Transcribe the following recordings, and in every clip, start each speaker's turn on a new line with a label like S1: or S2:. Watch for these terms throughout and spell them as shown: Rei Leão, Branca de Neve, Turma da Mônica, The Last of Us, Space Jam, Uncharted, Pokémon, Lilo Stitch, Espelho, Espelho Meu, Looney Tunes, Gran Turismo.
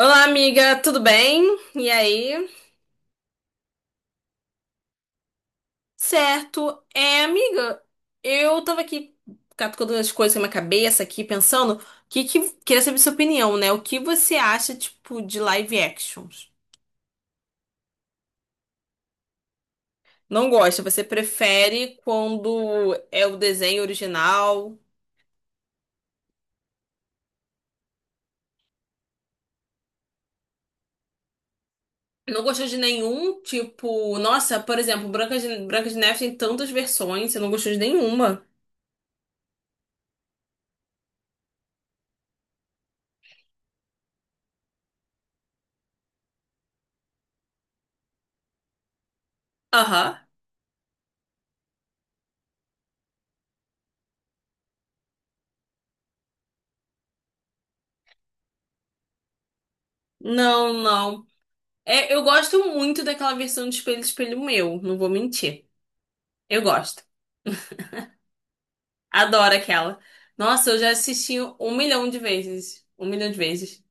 S1: Olá, amiga, tudo bem? E aí? Certo. Amiga, eu tava aqui catucando as coisas na minha cabeça aqui, pensando, o que queria saber sua opinião, né? O que você acha, tipo, de live actions? Não gosta? Você prefere quando é o desenho original? Não gostou de nenhum, tipo, nossa, por exemplo, Branca de Neve tem tantas versões, você não gostou de nenhuma? Aham. Não, não. Eu gosto muito daquela versão de Espelho Meu, não vou mentir. Eu gosto. Adoro aquela. Nossa, eu já assisti um milhão de vezes. Um milhão de vezes.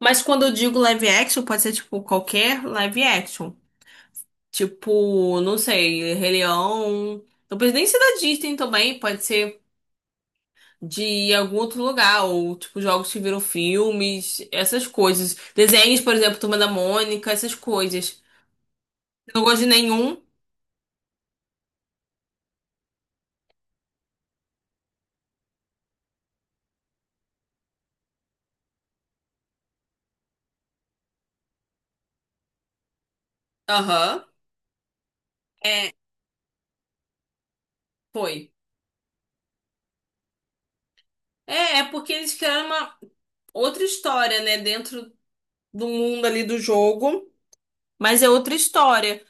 S1: Mas quando eu digo live action, pode ser tipo qualquer live action. Tipo, não sei, Rei Leão. Não precisa nem ser da Disney também, pode ser de algum outro lugar, ou tipo jogos que viram filmes, essas coisas. Desenhos, por exemplo, Turma da Mônica, essas coisas. Eu não gosto de nenhum. Aham. É, foi. É porque eles criaram uma outra história, né? Dentro do mundo ali do jogo. Mas é outra história.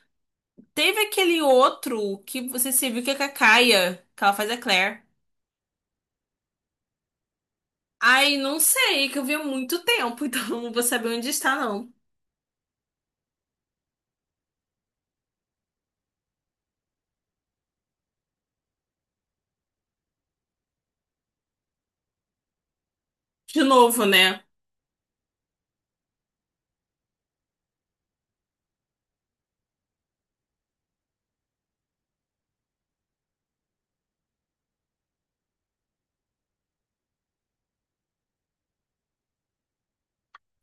S1: Teve aquele outro que você se viu que é com a Kaia, que ela faz a Claire. Ai, não sei, que eu vi há muito tempo, então não vou saber onde está, não. De novo, né?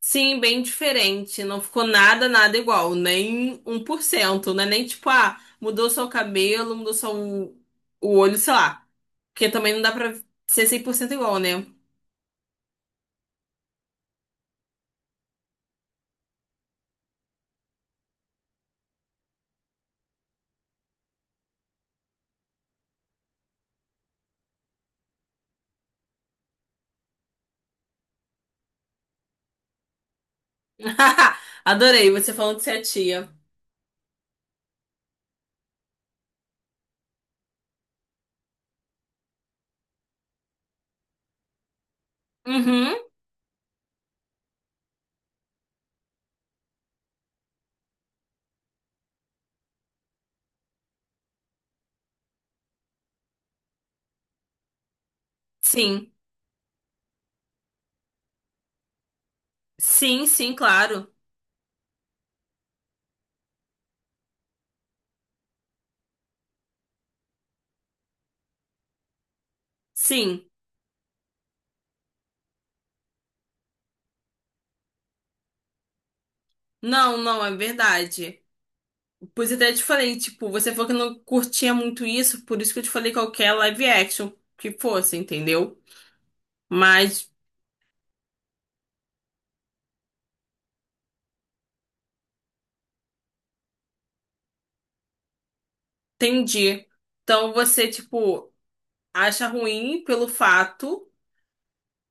S1: Sim, bem diferente. Não ficou nada, nada igual. Nem um por cento, né? Nem tipo, ah, mudou só o cabelo, o olho, sei lá. Porque também não dá pra ser 100% igual, né? Adorei você falando que você é tia. Uhum, sim. Sim, sim, claro. Sim. Não, não, é verdade. Pois eu até te falei, tipo, você falou que não curtia muito isso, por isso que eu te falei qualquer live action que fosse, entendeu? Mas entendi. Então você, tipo, acha ruim pelo fato,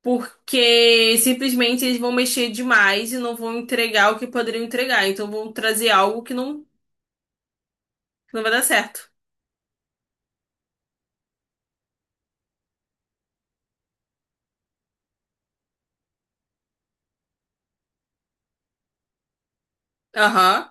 S1: porque simplesmente eles vão mexer demais e não vão entregar o que poderiam entregar. Então vão trazer algo que não vai dar certo. Aham.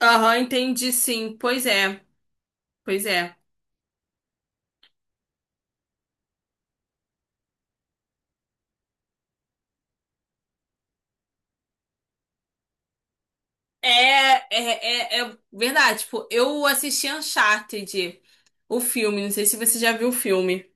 S1: Aham, entendi sim. Pois é. É verdade. Tipo, eu assisti Uncharted, o filme. Não sei se você já viu o filme.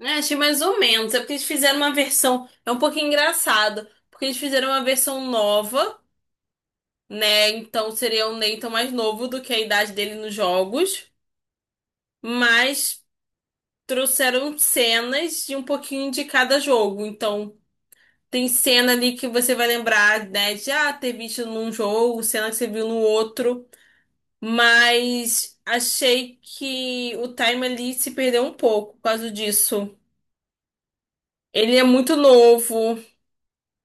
S1: É, achei mais ou menos. É porque eles fizeram uma versão. É um pouquinho engraçado. Porque eles fizeram uma versão nova, né? Então seria o Nathan mais novo do que a idade dele nos jogos. Mas trouxeram cenas de um pouquinho de cada jogo. Então. Tem cena ali que você vai lembrar, né, de ah, ter visto num jogo, cena que você viu no outro, mas achei que o time ali se perdeu um pouco por causa disso. Ele é muito novo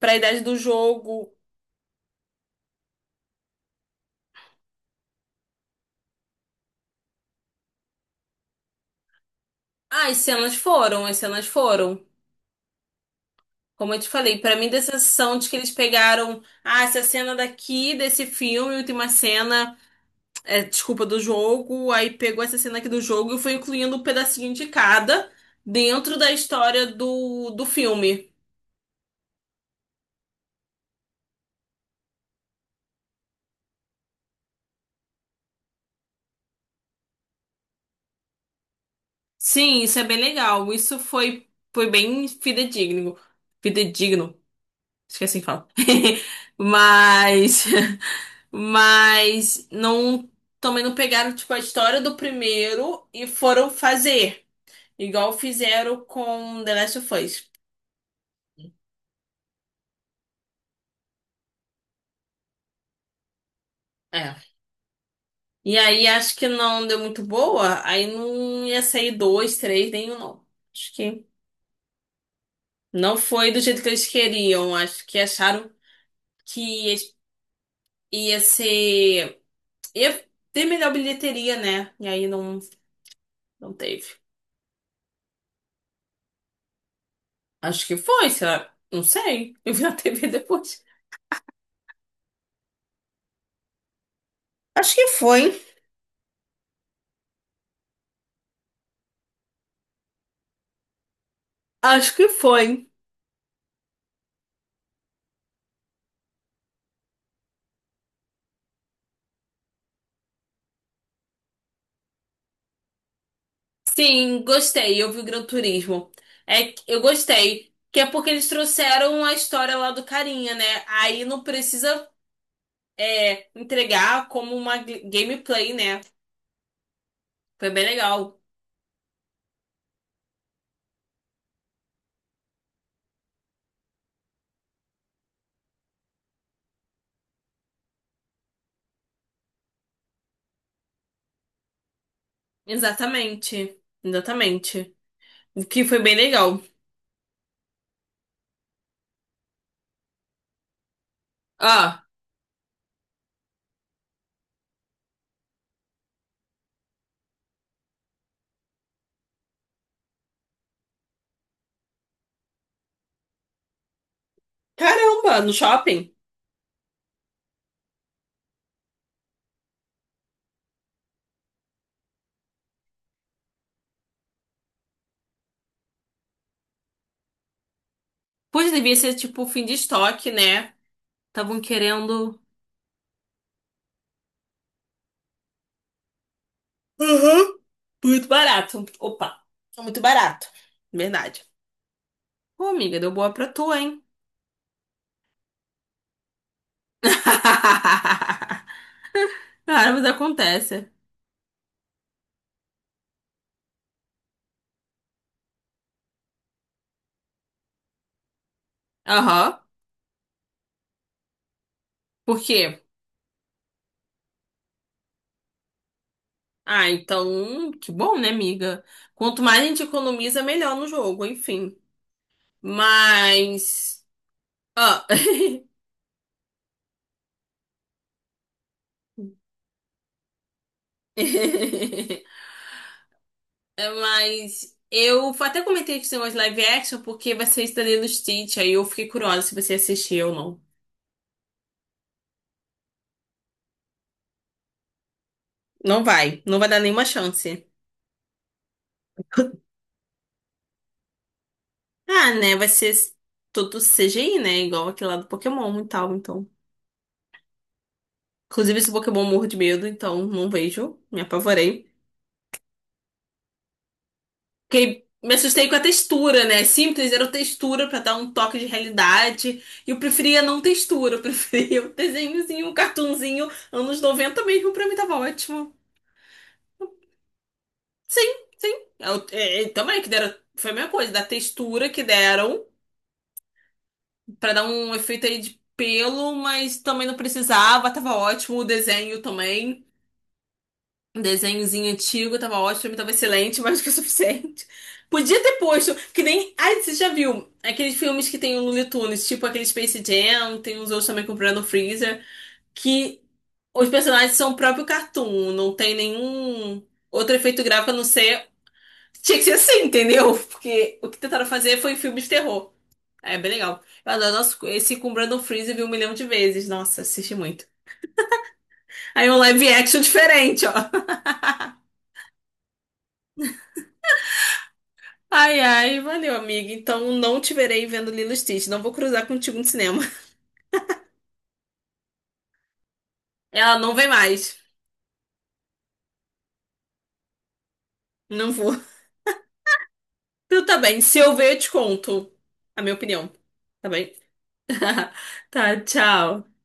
S1: para a idade do jogo. Ah, as cenas foram. Como eu te falei, para mim dá a sensação de que eles pegaram, ah, essa cena daqui desse filme, última cena. Desculpa, do jogo, aí pegou essa cena aqui do jogo e foi incluindo um pedacinho de cada dentro da história do filme. Sim, isso é bem legal. Foi bem fidedigno. Fidedigno. Esqueci que é assim fala. Mas, mas não, também não pegaram, tipo, a história do primeiro e foram fazer. Igual fizeram com The Last of Us. É. E aí acho que não deu muito boa, aí não ia sair dois, três, nenhum, não. Acho que não foi do jeito que eles queriam. Acho que acharam que ia, ia ser. Ia ter melhor bilheteria, né? E aí não, não teve. Acho que foi, será? Não sei. Eu vi na TV depois. Acho que foi, hein? Acho que foi. Sim, gostei. Eu vi o Gran Turismo. Eu gostei. Que é porque eles trouxeram a história lá do carinha, né? Aí não precisa. Entregar como uma gameplay, né? Foi bem legal. Exatamente. Exatamente. O que foi bem legal. Ah, caramba, no shopping. Pois devia ser tipo fim de estoque, né? Estavam querendo. Uhum. Muito barato. Opa, tá muito barato. Verdade. Pô, amiga, deu boa pra tu, hein? Cara, mas acontece. Aham. Por quê? Ah, então, que bom, né, amiga? Quanto mais a gente economiza, melhor no jogo, enfim. Mas. Ó. É, mas eu até comentei que tem umas live action porque vai ser isso da Lilo Stitch. Aí eu fiquei curiosa se você assistiu ou não. Não vai, não vai dar nenhuma chance. Ah, né? Vai ser tudo CGI, né? Igual aquele lá do Pokémon e tal, então. Inclusive, esse Pokémon eu morro de medo, então não vejo, me apavorei. Fiquei, me assustei com a textura, né? É simples, era o textura pra dar um toque de realidade. E eu preferia não textura, eu preferia um desenhozinho, um cartunzinho, anos 90 mesmo, pra mim tava ótimo. Sim, sim. Também que deram, foi a mesma coisa, da textura que deram pra dar um efeito aí de pelo, mas também não precisava, tava ótimo o desenho também. Um desenhozinho antigo, tava ótimo, pra mim tava excelente, mais do que o suficiente. Podia ter posto, que nem. Ai, você já viu aqueles filmes que tem o Looney Tunes, tipo aquele Space Jam, tem uns outros também com o Brandon Freezer, que os personagens são o próprio cartoon, não tem nenhum outro efeito gráfico a não ser. Tinha que ser assim, entendeu? Porque o que tentaram fazer foi filmes de terror. É bem legal. Eu adoro nossa, esse com o Brandon Freezer vi um milhão de vezes. Nossa, assisti muito. Aí um live action diferente, ó. Ai, ai, valeu, amiga. Então não te verei vendo Lilo e Stitch. Não vou cruzar contigo no cinema. Ela não vem mais. Não vou. Então tá bem. Se eu ver, eu te conto a minha opinião. Tá bem? Tá, tchau.